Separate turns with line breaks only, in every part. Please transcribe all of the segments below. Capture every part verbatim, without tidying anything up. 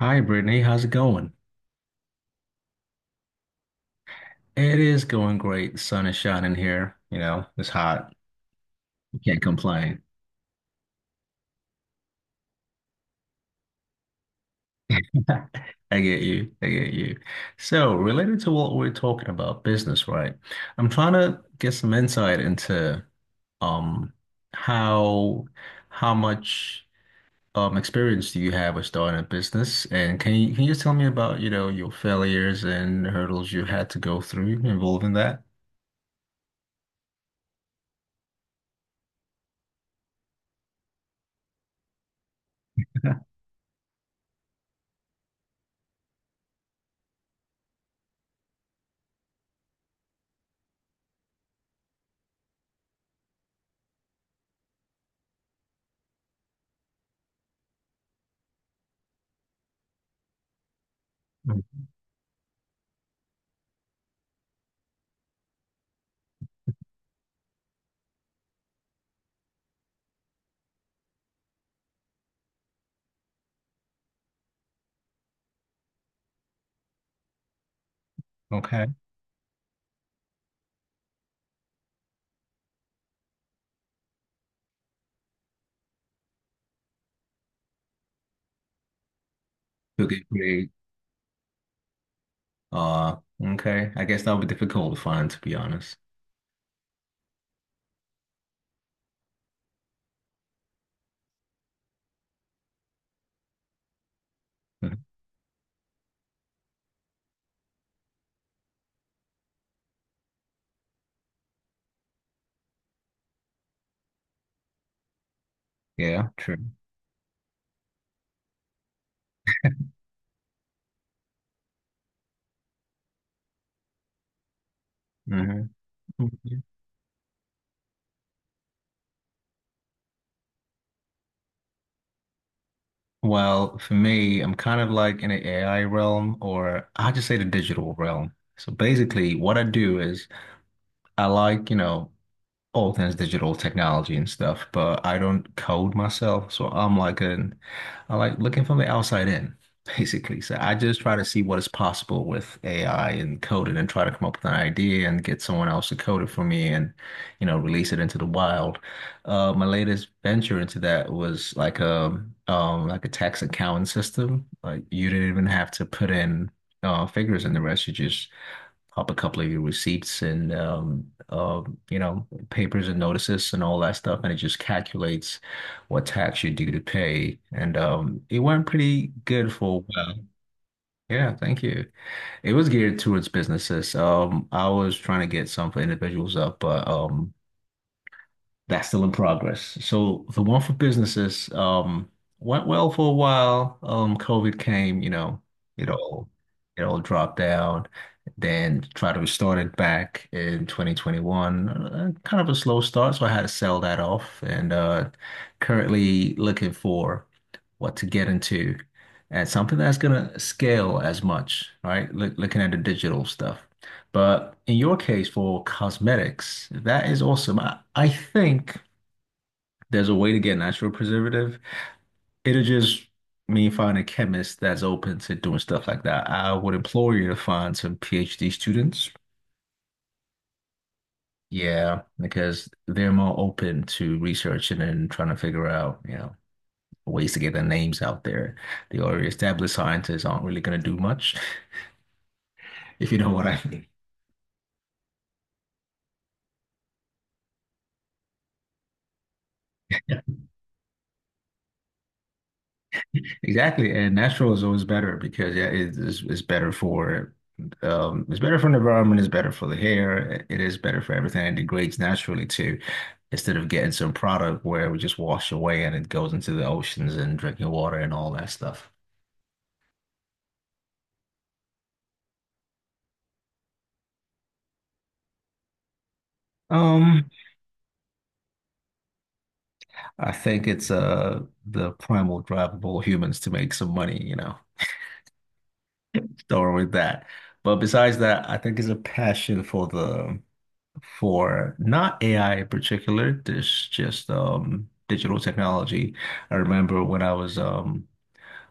Hi, Brittany. How's it going? It is going great. The sun is shining here. You know, it's hot. You can't complain. I get you. I get you. So, related to what we're talking about, business, right? I'm trying to get some insight into um how how much um experience do you have with starting a business? And can you can you just tell me about, you know, your failures and hurdles you had to go through involving that? Mm. Okay. Okay, great. Uh, okay. I guess that'll be difficult to find, to be honest. Mhm. Yeah, true. Hmm. Well, for me, I'm kind of like in the A I realm, or I just say the digital realm. So basically, what I do is I like, you know, all things digital technology and stuff, but I don't code myself. So I'm like an I like looking from the outside in, basically. So I just try to see what is possible with A I and code it, and try to come up with an idea and get someone else to code it for me and, you know, release it into the wild. Uh, my latest venture into that was like a um like a tax accounting system. Like you didn't even have to put in uh figures in the rest. You just up a couple of your receipts and um, uh, you know papers and notices and all that stuff, and it just calculates what tax you're due to pay. And um, it went pretty good for a while. Yeah, thank you. It was geared towards businesses. Um, I was trying to get some for individuals up, but um, that's still in progress. So the one for businesses um, went well for a while. Um, COVID came, you know, it all it all dropped down. Then tried to restart it back in twenty twenty-one. Uh, kind of a slow start, so I had to sell that off. And uh, currently looking for what to get into and something that's gonna scale as much, right? Look, looking at the digital stuff. But in your case, for cosmetics, that is awesome. I, I think there's a way to get natural preservative. It'll just mean find a chemist that's open to doing stuff like that. I would implore you to find some PhD students. Yeah, because they're more open to researching and trying to figure out, you know, ways to get their names out there. The already established scientists aren't really going to do much, if you know what I mean. Exactly, and natural is always better because yeah, it is it's better for um, it's better for the environment, it's better for the hair, it is better for everything. It degrades naturally too, instead of getting some product where we just wash away and it goes into the oceans and drinking water and all that stuff. Um, I think it's uh the primal drive of all humans to make some money, you know. Don't worry with that. But besides that, I think it's a passion for the for not A I in particular, this just um digital technology. I remember when I was um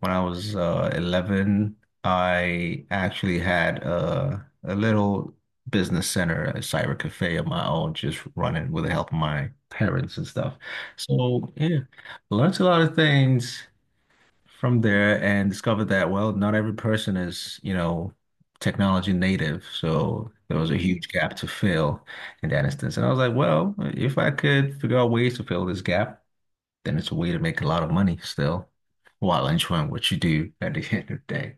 when I was uh eleven, I actually had a a little business center, a cyber cafe of my own, just running with the help of my parents and stuff. So yeah, learned a lot of things from there and discovered that, well, not every person is, you know, technology native. So there was a Mm. huge gap to fill in that instance. And I was like, well, if I could figure out ways to fill this gap, then it's a way to make a lot of money still while enjoying what you do at the end of the day.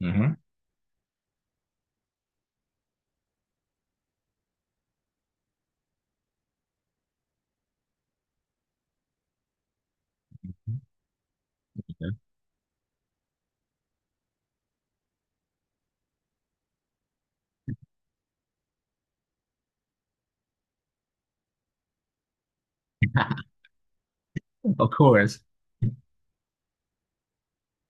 Hmm. Of course.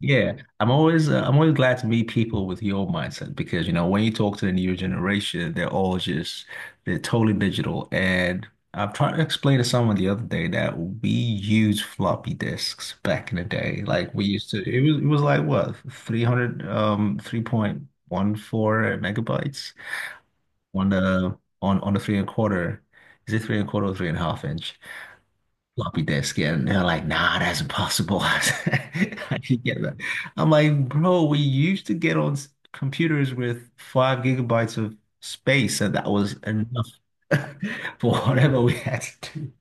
Yeah, I'm always uh, I'm always glad to meet people with your mindset because you know when you talk to the newer generation, they're all just they're totally digital. And I've tried to explain to someone the other day that we used floppy disks back in the day. Like we used to, it was it was like what three hundred um three point one four megabytes on the on on the three and a quarter. Is it three and a quarter or three and a half inch? Floppy disk, and they're like, nah, that's impossible. I didn't get that. I'm like, bro, we used to get on s- computers with five gigabytes of space, and that was enough for whatever we had to do.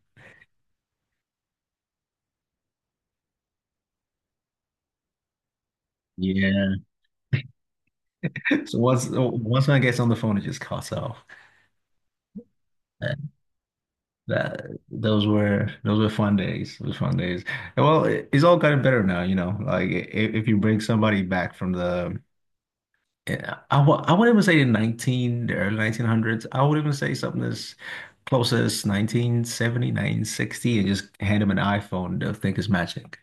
Yeah, so once once I gets on the phone, it just cuts off. And that those were those were fun days, those fun days. And well, it, it's all gotten better now, you know, like if, if you bring somebody back from the. Yeah, I w I wouldn't even say the nineteen, the early nineteen hundreds. I would even say something as close as nineteen seventy, and just hand them an iPhone. They'll think it's magic.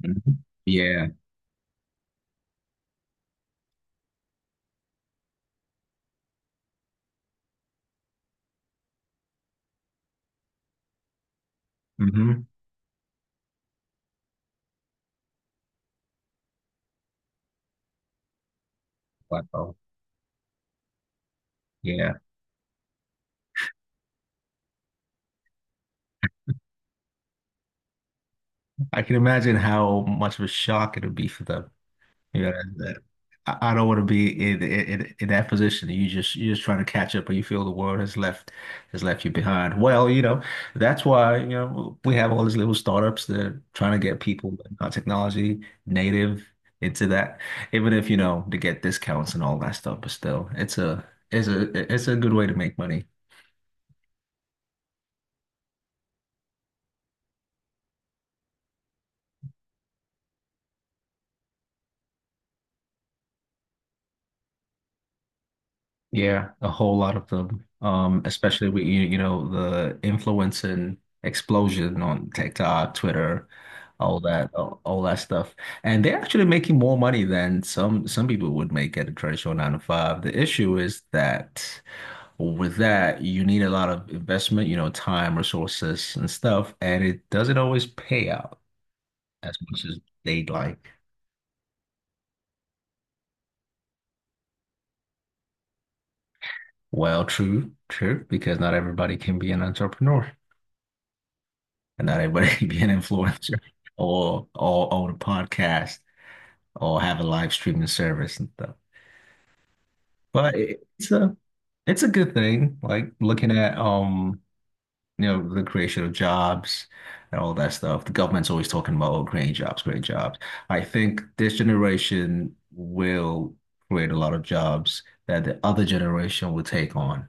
Mhm. Yeah. Hmm. Wow. Yeah. I can imagine how much of a shock it would be for them. You know, that- I, I don't want to be in, in in that position. You just you're just trying to catch up, but you feel the world has left has left you behind. Well, you know, that's why, you know, we have all these little startups that are trying to get people not technology native into that, even if, you know, to get discounts and all that stuff, but still, it's a it's a it's a good way to make money. Yeah, a whole lot of them. Um, especially with you, you know, the influence and explosion on TikTok, Twitter, all that, all, all that stuff. And they're actually making more money than some some people would make at a traditional nine to five. The issue is that, well, with that, you need a lot of investment, you know, time, resources, and stuff, and it doesn't always pay out as much as they'd like. Well, true, true, because not everybody can be an entrepreneur, and not everybody can be an influencer or or own a podcast or have a live streaming service and stuff. But it- it's a it's a good thing. Like looking at um you know, the creation of jobs and all that stuff. The government's always talking about, oh, creating jobs, creating jobs. I think this generation will create a lot of jobs that the other generation will take on.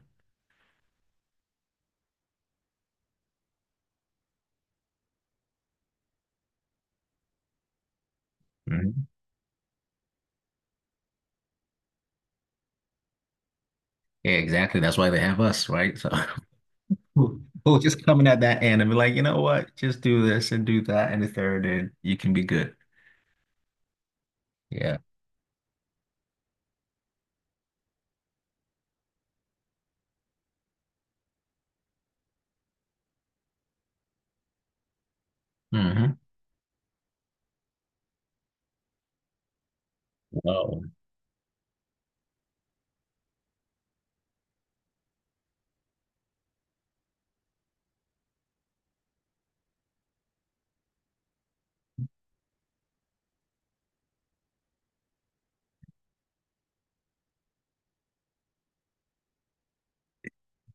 Mhm. Yeah, exactly. That's why they have us, right? So we'll we'll just coming at that end and be like, you know what? Just do this and do that and the third, and you can be good. Yeah. Hmm. Wow.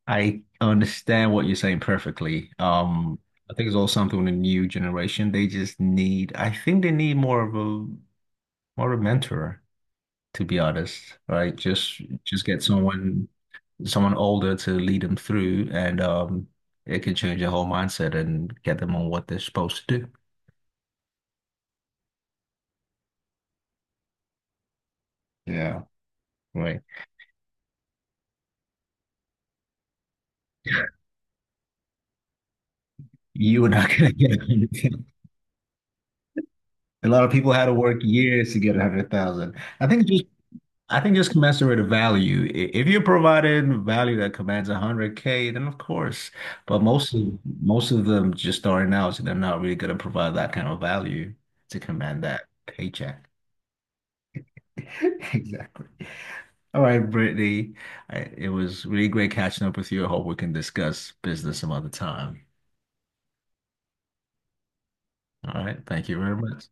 I understand what you're saying perfectly. Um, I think it's all something with the new generation. They just need, I think they need more of a more of a mentor, to be honest, right? Just just get someone someone older to lead them through and um it can change their whole mindset and get them on what they're supposed to do. Yeah, right. You are not gonna get a hundred thousand. A lot of people had to work years to get a hundred thousand. I think I think just commensurate of value. I- If you're providing value that commands one hundred k, then of course. But most of most of them just starting out, so they're not really going to provide that kind of value to command that paycheck. Exactly. All right, Brittany. I, it was really great catching up with you. I hope we can discuss business some other time. All right. Thank you very much.